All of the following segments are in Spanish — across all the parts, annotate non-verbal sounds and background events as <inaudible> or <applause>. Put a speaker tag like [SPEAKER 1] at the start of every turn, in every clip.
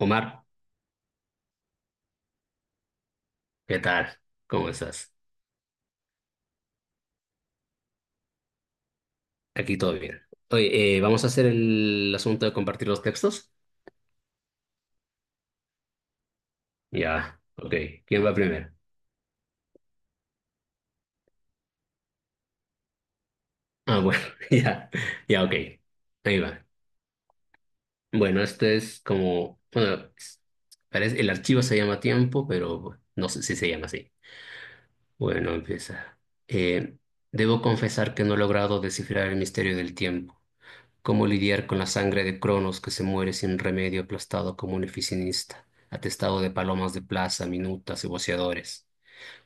[SPEAKER 1] Omar, ¿qué tal? ¿Cómo estás? Aquí todo bien. Oye, ¿vamos a hacer el asunto de compartir los textos? Ya, ok. ¿Quién va primero? Ah, bueno, <laughs> ya, ya, ok. Ahí va. Bueno, este es como, bueno, parece, el archivo se llama tiempo, pero no sé si se llama así. Bueno, empieza. Eh, Debo confesar que no he logrado descifrar el misterio del tiempo. ¿Cómo lidiar con la sangre de Cronos que se muere sin remedio aplastado como un oficinista, atestado de palomas de plaza, minutas y voceadores?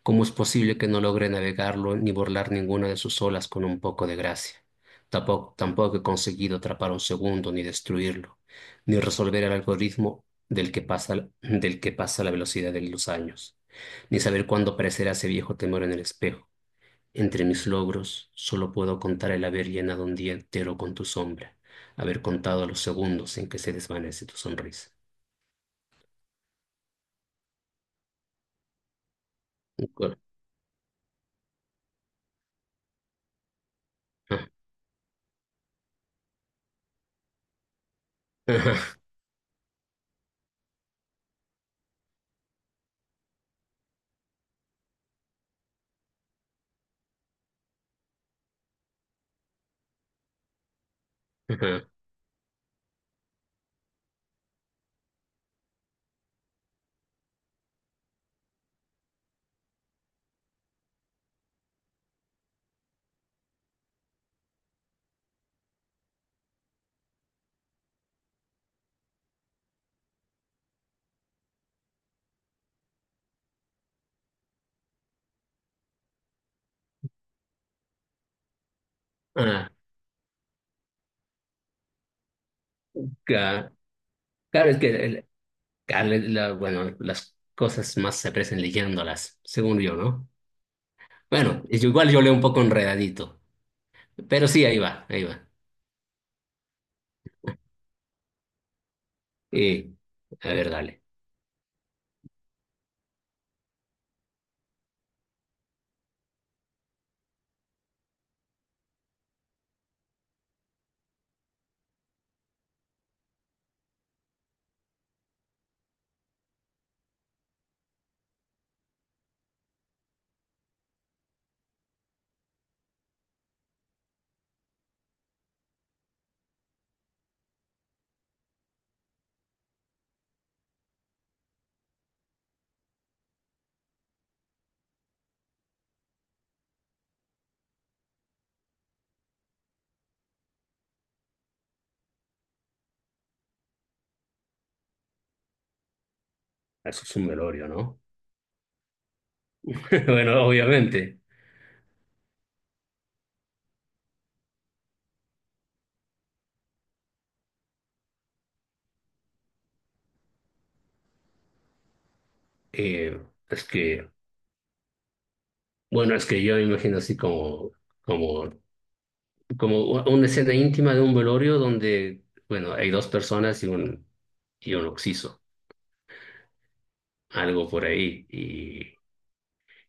[SPEAKER 1] ¿Cómo es posible que no logre navegarlo ni burlar ninguna de sus olas con un poco de gracia? Tampoco he conseguido atrapar un segundo ni destruirlo, ni resolver el algoritmo del que pasa la velocidad de los años, ni saber cuándo aparecerá ese viejo temor en el espejo. Entre mis logros, solo puedo contar el haber llenado un día entero con tu sombra, haber contado los segundos en que se desvanece tu sonrisa. Cor- ah, ajá, ajá, ah, ca- Claro, es que claro, bueno, las cosas más se aprecian leyéndolas, según yo, ¿no? Bueno, igual yo leo un poco enredadito, pero sí, ahí va, ahí va. Eh, a ver, dale. Eso es un velorio, ¿no? <laughs> Bueno, obviamente. Eh, es que bueno, es que yo me imagino así como, como, como una escena íntima de un velorio donde, bueno, hay dos personas y un occiso, algo por ahí,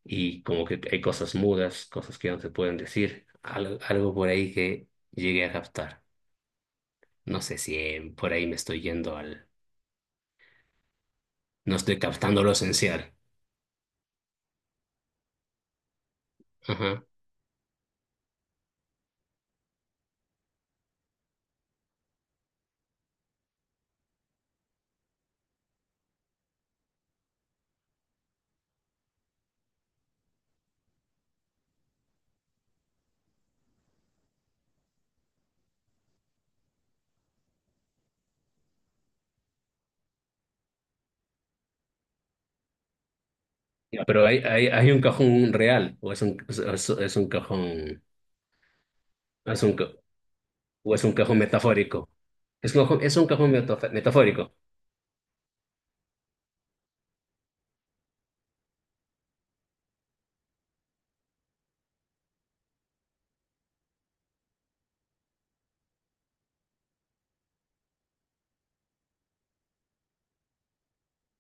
[SPEAKER 1] y como que hay cosas mudas, cosas que no se pueden decir, algo, por ahí que llegué a captar. No sé si por ahí me estoy yendo al, no estoy captando lo esencial. Ajá. Ya, pero hay un cajón real, o es un cajón, es un cajón. ¿O es un cajón metafórico? Es un cajón metafórico.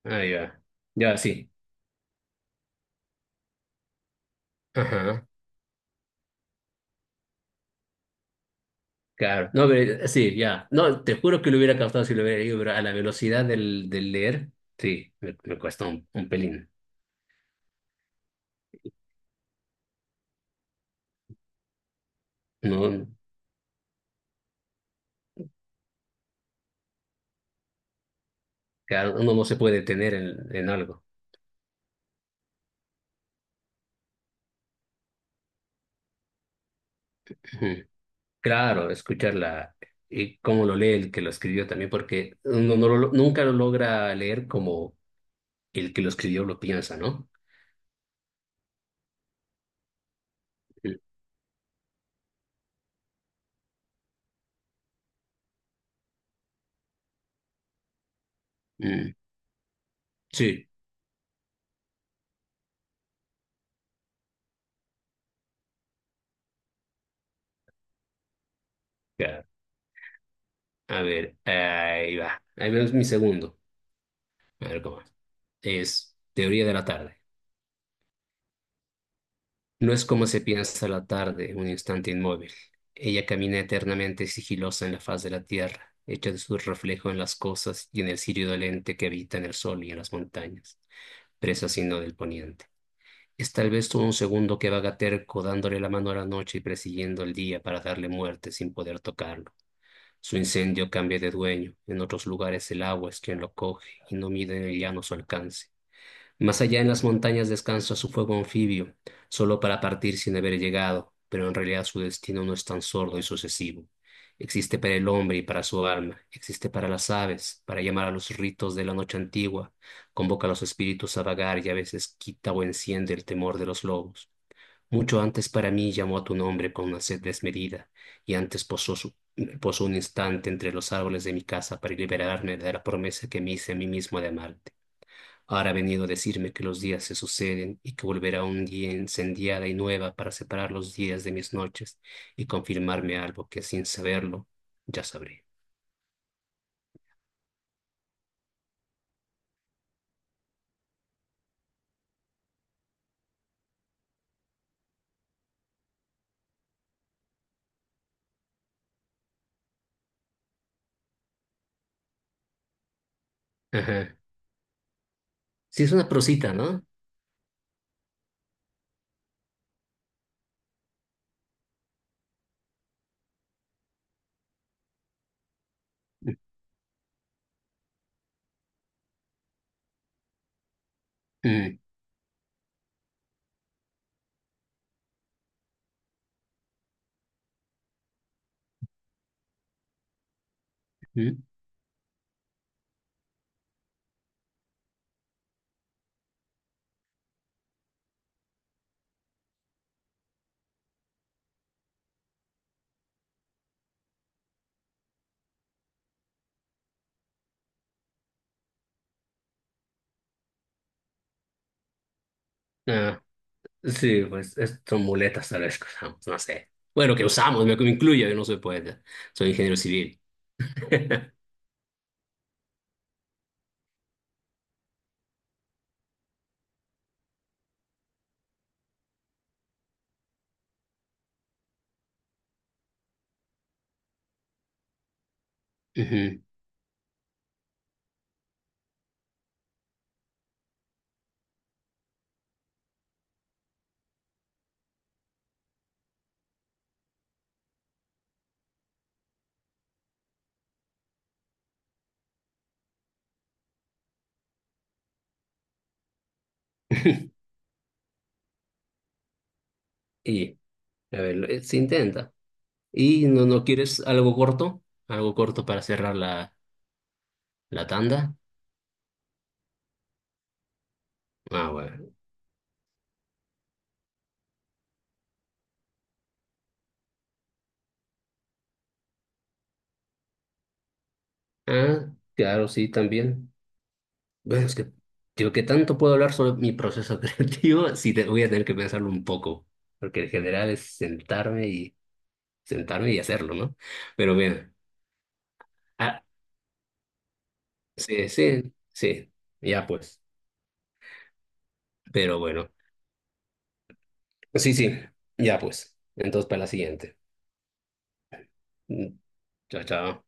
[SPEAKER 1] Ah, ya. Ya, sí. Ajá. Claro. No, pero sí, ya. No, te juro que lo hubiera captado si lo hubiera leído, pero a la velocidad del leer, sí, me cuesta un pelín. No, claro, uno no se puede detener en algo. Ujú. Claro, escucharla y cómo lo lee el que lo escribió también, porque uno nunca lo logra leer como el que lo escribió lo piensa, ¿no? Mm, mm, sí, claro. A ver, ahí va. Ahí vemos mi segundo. A ver cómo es. Es teoría de la tarde. No es como se piensa la tarde, un instante inmóvil. Ella camina eternamente sigilosa en la faz de la tierra, hecha de su reflejo en las cosas y en el cirio dolente que habita en el sol y en las montañas, presa sino del poniente. Es tal vez todo un segundo que vaga terco, dándole la mano a la noche y persiguiendo el día para darle muerte sin poder tocarlo. Su incendio cambia de dueño, en otros lugares el agua es quien lo coge y no mide en el llano su alcance. Más allá en las montañas descansa su fuego anfibio, solo para partir sin haber llegado, pero en realidad su destino no es tan sordo y sucesivo. Existe para el hombre y para su alma, existe para las aves, para llamar a los ritos de la noche antigua, convoca a los espíritus a vagar y a veces quita o enciende el temor de los lobos. Mucho antes para mí llamó a tu nombre con una sed desmedida, y antes posó un instante entre los árboles de mi casa para liberarme de la promesa que me hice a mí mismo de amarte. Ahora ha venido a decirme que los días se suceden y que volverá un día incendiada y nueva para separar los días de mis noches y confirmarme algo que sin saberlo ya sabré. Ajá. Sí, es una prosita, ¿no? Mm, mm, mm. Ajá. Sí, pues son muletas tal vez que usamos, no sé. Bueno, que usamos, me incluyo, yo no soy poeta, soy ingeniero civil. <laughs> Ujú. <laughs> Y, a ver, se intenta. ¿Y no quieres algo corto? ¿Algo corto para cerrar la, la tanda? Ah, bueno. Ah, claro, sí, también. Bueno, es que digo que tanto puedo hablar sobre mi proceso <laughs> creativo, sí te, voy a tener que pensarlo un poco, porque en general es sentarme y sentarme y hacerlo, ¿no? Pero bien, sí, sí, sí, ya pues. Pero bueno, pues sí, sí, ya pues. Entonces, para la siguiente. Mm, chao, chao.